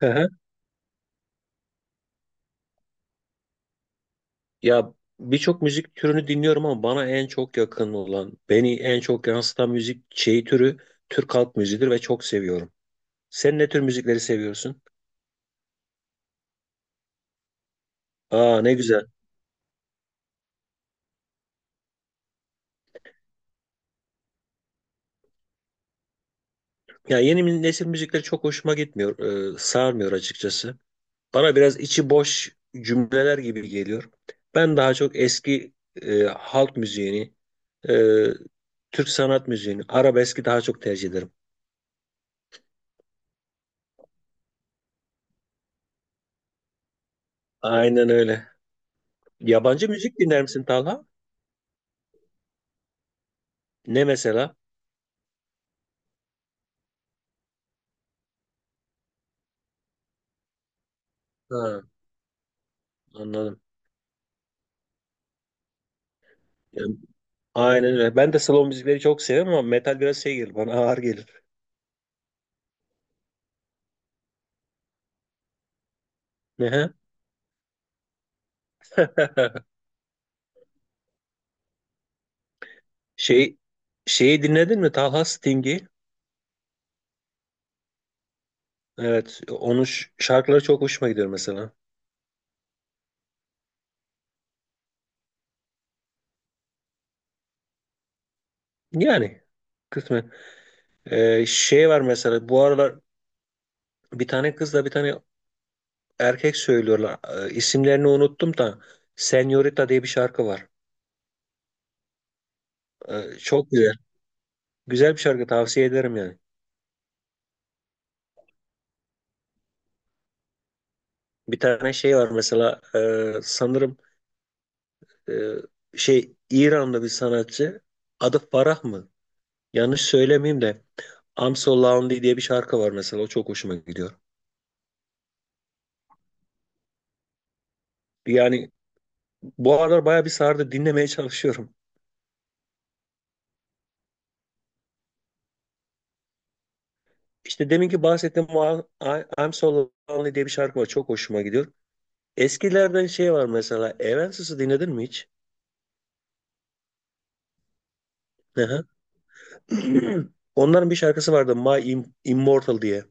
Hı hı. Ya, birçok müzik türünü dinliyorum ama bana en çok yakın olan, beni en çok yansıtan müzik türü Türk halk müziğidir ve çok seviyorum. Sen ne tür müzikleri seviyorsun? Aa, ne güzel. Ya, yeni nesil müzikleri çok hoşuma gitmiyor, sarmıyor açıkçası. Bana biraz içi boş cümleler gibi geliyor. Ben daha çok eski halk müziğini, e, Türk sanat müziğini, arabeski daha çok tercih ederim. Aynen öyle. Yabancı müzik dinler misin Talha? Ne mesela? Ha, anladım. Ya, aynen öyle. Ben de slow müzikleri çok seviyorum ama metal biraz şey gelir bana, ağır gelir. Ne? Şey şeyi dinledin mi? Talha, Sting'i. Evet, onun şarkıları çok hoşuma gidiyor mesela. Yani kısmen. Şey var mesela bu aralar, bir tane kızla bir tane erkek söylüyorlar. İsimlerini unuttum da, Senorita diye bir şarkı var. Çok güzel. Güzel bir şarkı, tavsiye ederim yani. Bir tane şey var mesela, sanırım, e, şey, İranlı bir sanatçı. Adı Farah mı? Yanlış söylemeyeyim de, I'm So Lonely diye bir şarkı var mesela. O çok hoşuma gidiyor. Yani bu aralar bayağı bir sardı. Dinlemeye çalışıyorum. İşte deminki bahsettiğim o I'm So Lonely diye bir şarkı var. Çok hoşuma gidiyor. Eskilerden şey var mesela. Evanescence'ı dinledin mi hiç? Hı hı. Onların bir şarkısı vardı, My Immortal diye.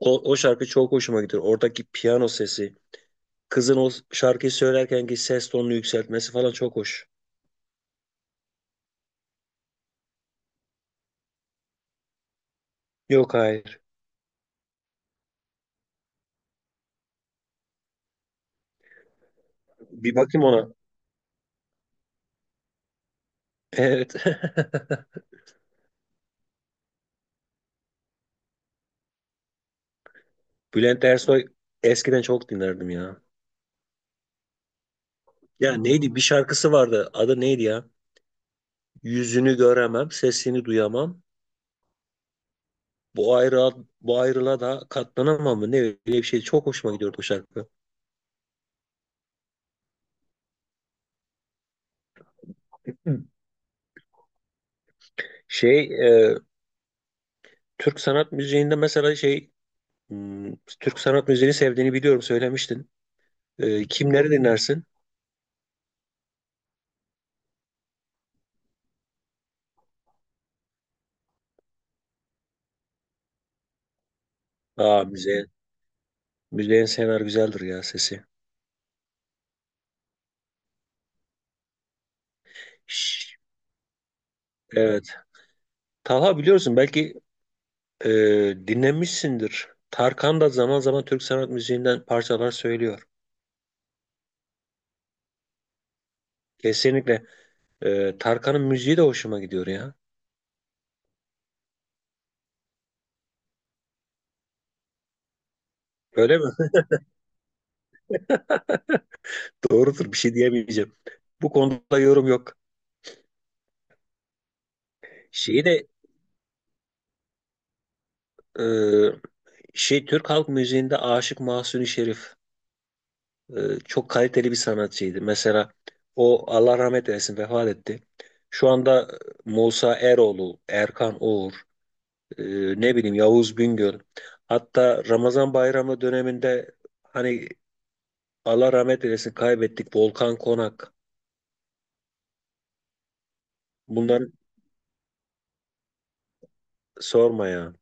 O şarkı çok hoşuma gidiyor. Oradaki piyano sesi. Kızın o şarkıyı söylerkenki ses tonunu yükseltmesi falan çok hoş. Yok, hayır. Bir bakayım ona. Evet. Bülent Ersoy eskiden çok dinlerdim ya. Ya neydi? Bir şarkısı vardı. Adı neydi ya? Yüzünü göremem, sesini duyamam. Bu ayrılığa, bu ayrılığa da katlanamam mı? Ne öyle bir şey. Çok hoşuma gidiyordu o şarkı. Hı. Şey, e, Türk sanat müziğinde mesela şey, hmm, Türk sanat müziğini sevdiğini biliyorum, söylemiştin. Kimleri dinlersin? Aa, müzeyen. Müzeyen Senar güzeldir ya, sesi. Şş, evet. Talha, biliyorsun belki, e, dinlemişsindir. Tarkan da zaman zaman Türk sanat müziğinden parçalar söylüyor. Kesinlikle. Tarkan'ın müziği de hoşuma gidiyor ya. Öyle mi? Doğrudur, bir şey diyemeyeceğim. Bu konuda yorum yok. Şeyi de, e, şey, Türk halk müziğinde Aşık Mahzuni Şerif. Çok kaliteli bir sanatçıydı. Mesela o, Allah rahmet eylesin, vefat etti. Şu anda Musa Eroğlu, Erkan Oğur, e, ne bileyim, Yavuz Bingöl. Hatta Ramazan bayramı döneminde, hani, Allah rahmet eylesin, kaybettik Volkan Konak. Bunları sorma ya.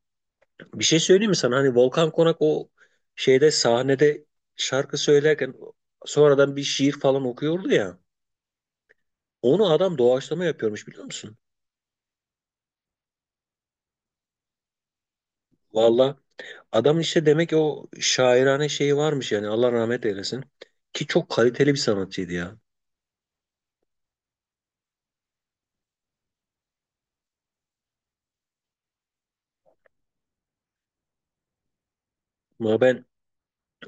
Bir şey söyleyeyim mi sana? Hani Volkan Konak, o şeyde, sahnede şarkı söylerken sonradan bir şiir falan okuyordu ya. Onu adam doğaçlama yapıyormuş, biliyor musun? Vallahi adam işte, demek ki o şairane şeyi varmış yani, Allah rahmet eylesin. Ki çok kaliteli bir sanatçıydı ya. Ama ben,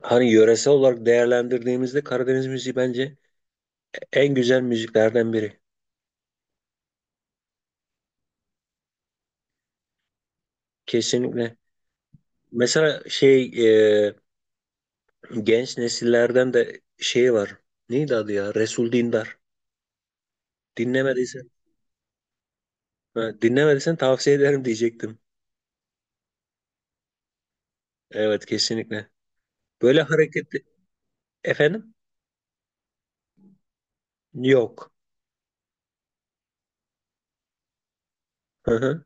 hani, yöresel olarak değerlendirdiğimizde Karadeniz müziği bence en güzel müziklerden biri. Kesinlikle. Mesela şey, e, genç nesillerden de şey var. Neydi adı ya? Resul Dindar. Dinlemediysen, ha, dinlemediysen tavsiye ederim diyecektim. Evet, kesinlikle. Böyle hareketli. Efendim? Yok. Hı hı.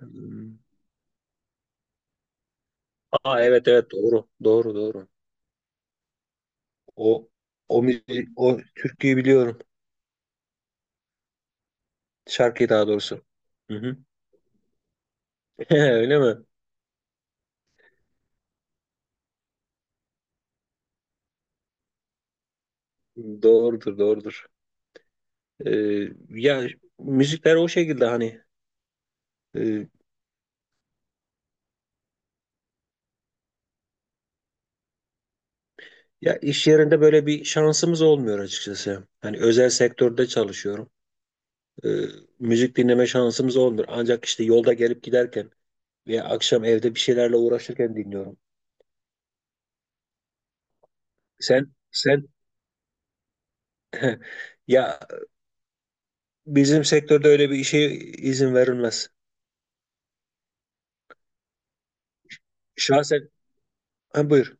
Hmm. Aa, evet evet, doğru. Doğru doğru. O o türküyü biliyorum. Şarkıyı daha doğrusu. Hı hı. Öyle mi? Doğrudur, doğrudur. Ya müzikler o şekilde, hani, e, ya iş yerinde böyle bir şansımız olmuyor açıkçası. Hani özel sektörde çalışıyorum. Ee, müzik dinleme şansımız olmuyor. Ancak işte yolda gelip giderken veya akşam evde bir şeylerle uğraşırken dinliyorum. Sen ya, bizim sektörde öyle bir işe izin verilmez. Şahsen, ha, buyur.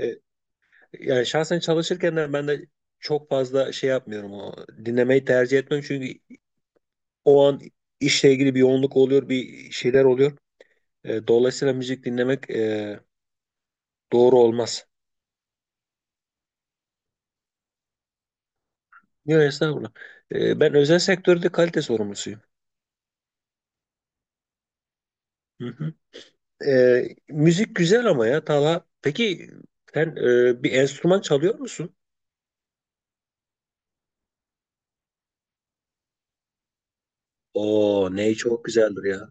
Ee, Yani şahsen, çalışırken de ben de çok fazla şey yapmıyorum, o dinlemeyi tercih etmiyorum, çünkü o an işle ilgili bir yoğunluk oluyor, bir şeyler oluyor. Dolayısıyla müzik dinlemek, doğru olmaz. Yok, estağfurullah. Ben özel sektörde kalite sorumlusuyum. Hı hı. Müzik güzel ama ya Talha. Peki sen, bir enstrüman çalıyor musun? Oo, ney çok güzeldir ya.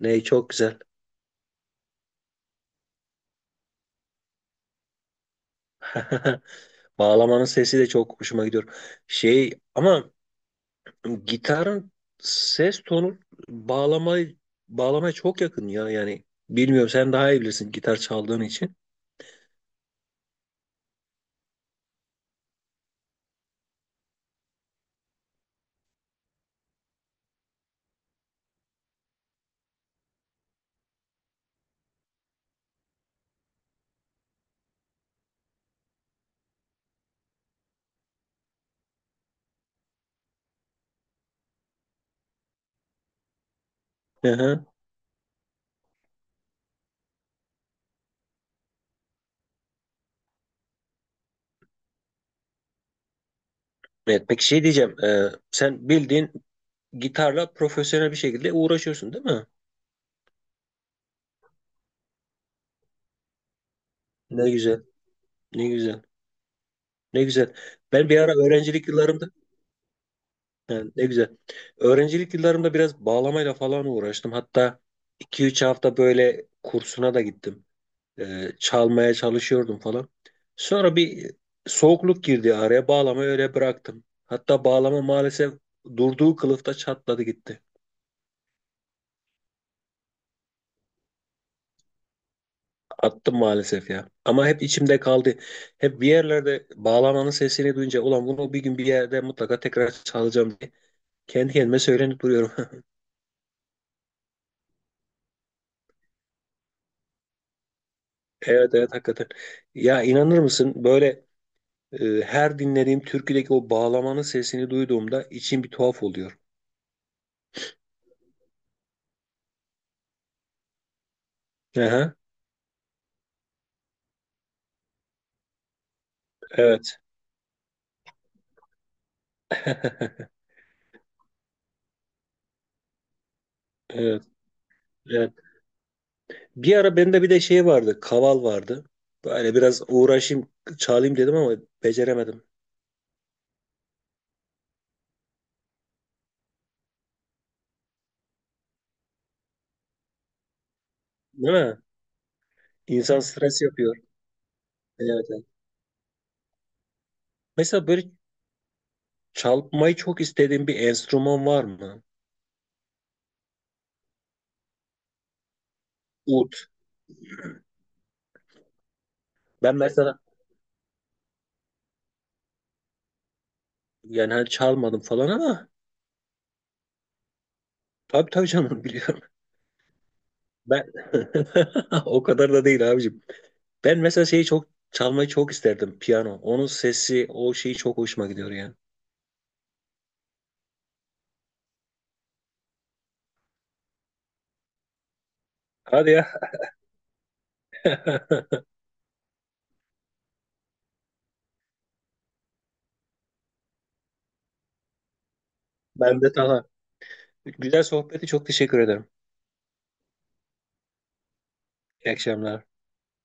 Ney çok güzel. Bağlamanın sesi de çok hoşuma gidiyor. Şey ama, gitarın ses tonu bağlama bağlamaya çok yakın ya yani. Bilmiyorum, sen daha iyi bilirsin gitar çaldığın için. Hı hı. Evet, peki şey diyeceğim, sen bildiğin gitarla profesyonel bir şekilde uğraşıyorsun, değil mi? Ne güzel, ne güzel, ne güzel. Ben bir ara öğrencilik yıllarımda, yani, ne güzel. Öğrencilik yıllarımda biraz bağlamayla falan uğraştım, hatta iki üç hafta böyle kursuna da gittim. Çalmaya çalışıyordum falan. Sonra bir soğukluk girdi araya. Bağlamayı öyle bıraktım. Hatta bağlama maalesef durduğu kılıfta çatladı gitti. Attım maalesef ya. Ama hep içimde kaldı. Hep bir yerlerde bağlamanın sesini duyunca, ulan bunu bir gün bir yerde mutlaka tekrar çalacağım diye kendi kendime söylenip duruyorum. Evet evet, hakikaten. Ya inanır mısın, böyle, her dinlediğim türküdeki o bağlamanın sesini duyduğumda içim bir tuhaf oluyor. Aha, evet. Evet. Evet. Bir ara bende bir de şey vardı. Kaval vardı. Böyle biraz uğraşayım, çalayım dedim ama beceremedim. Değil mi? İnsan stres yapıyor. Evet. Evet. Mesela böyle çalmayı çok istediğin bir enstrüman var mı? Ut. Ben mesela, yani, hani çalmadım falan ama tabii tabii canım, biliyorum. Ben o kadar da değil abicim. Ben mesela şeyi çok çalmayı çok isterdim. Piyano. Onun sesi, o şeyi çok hoşuma gidiyor yani. Hadi ya. Ben de tamam. Güzel sohbeti çok teşekkür ederim. İyi akşamlar.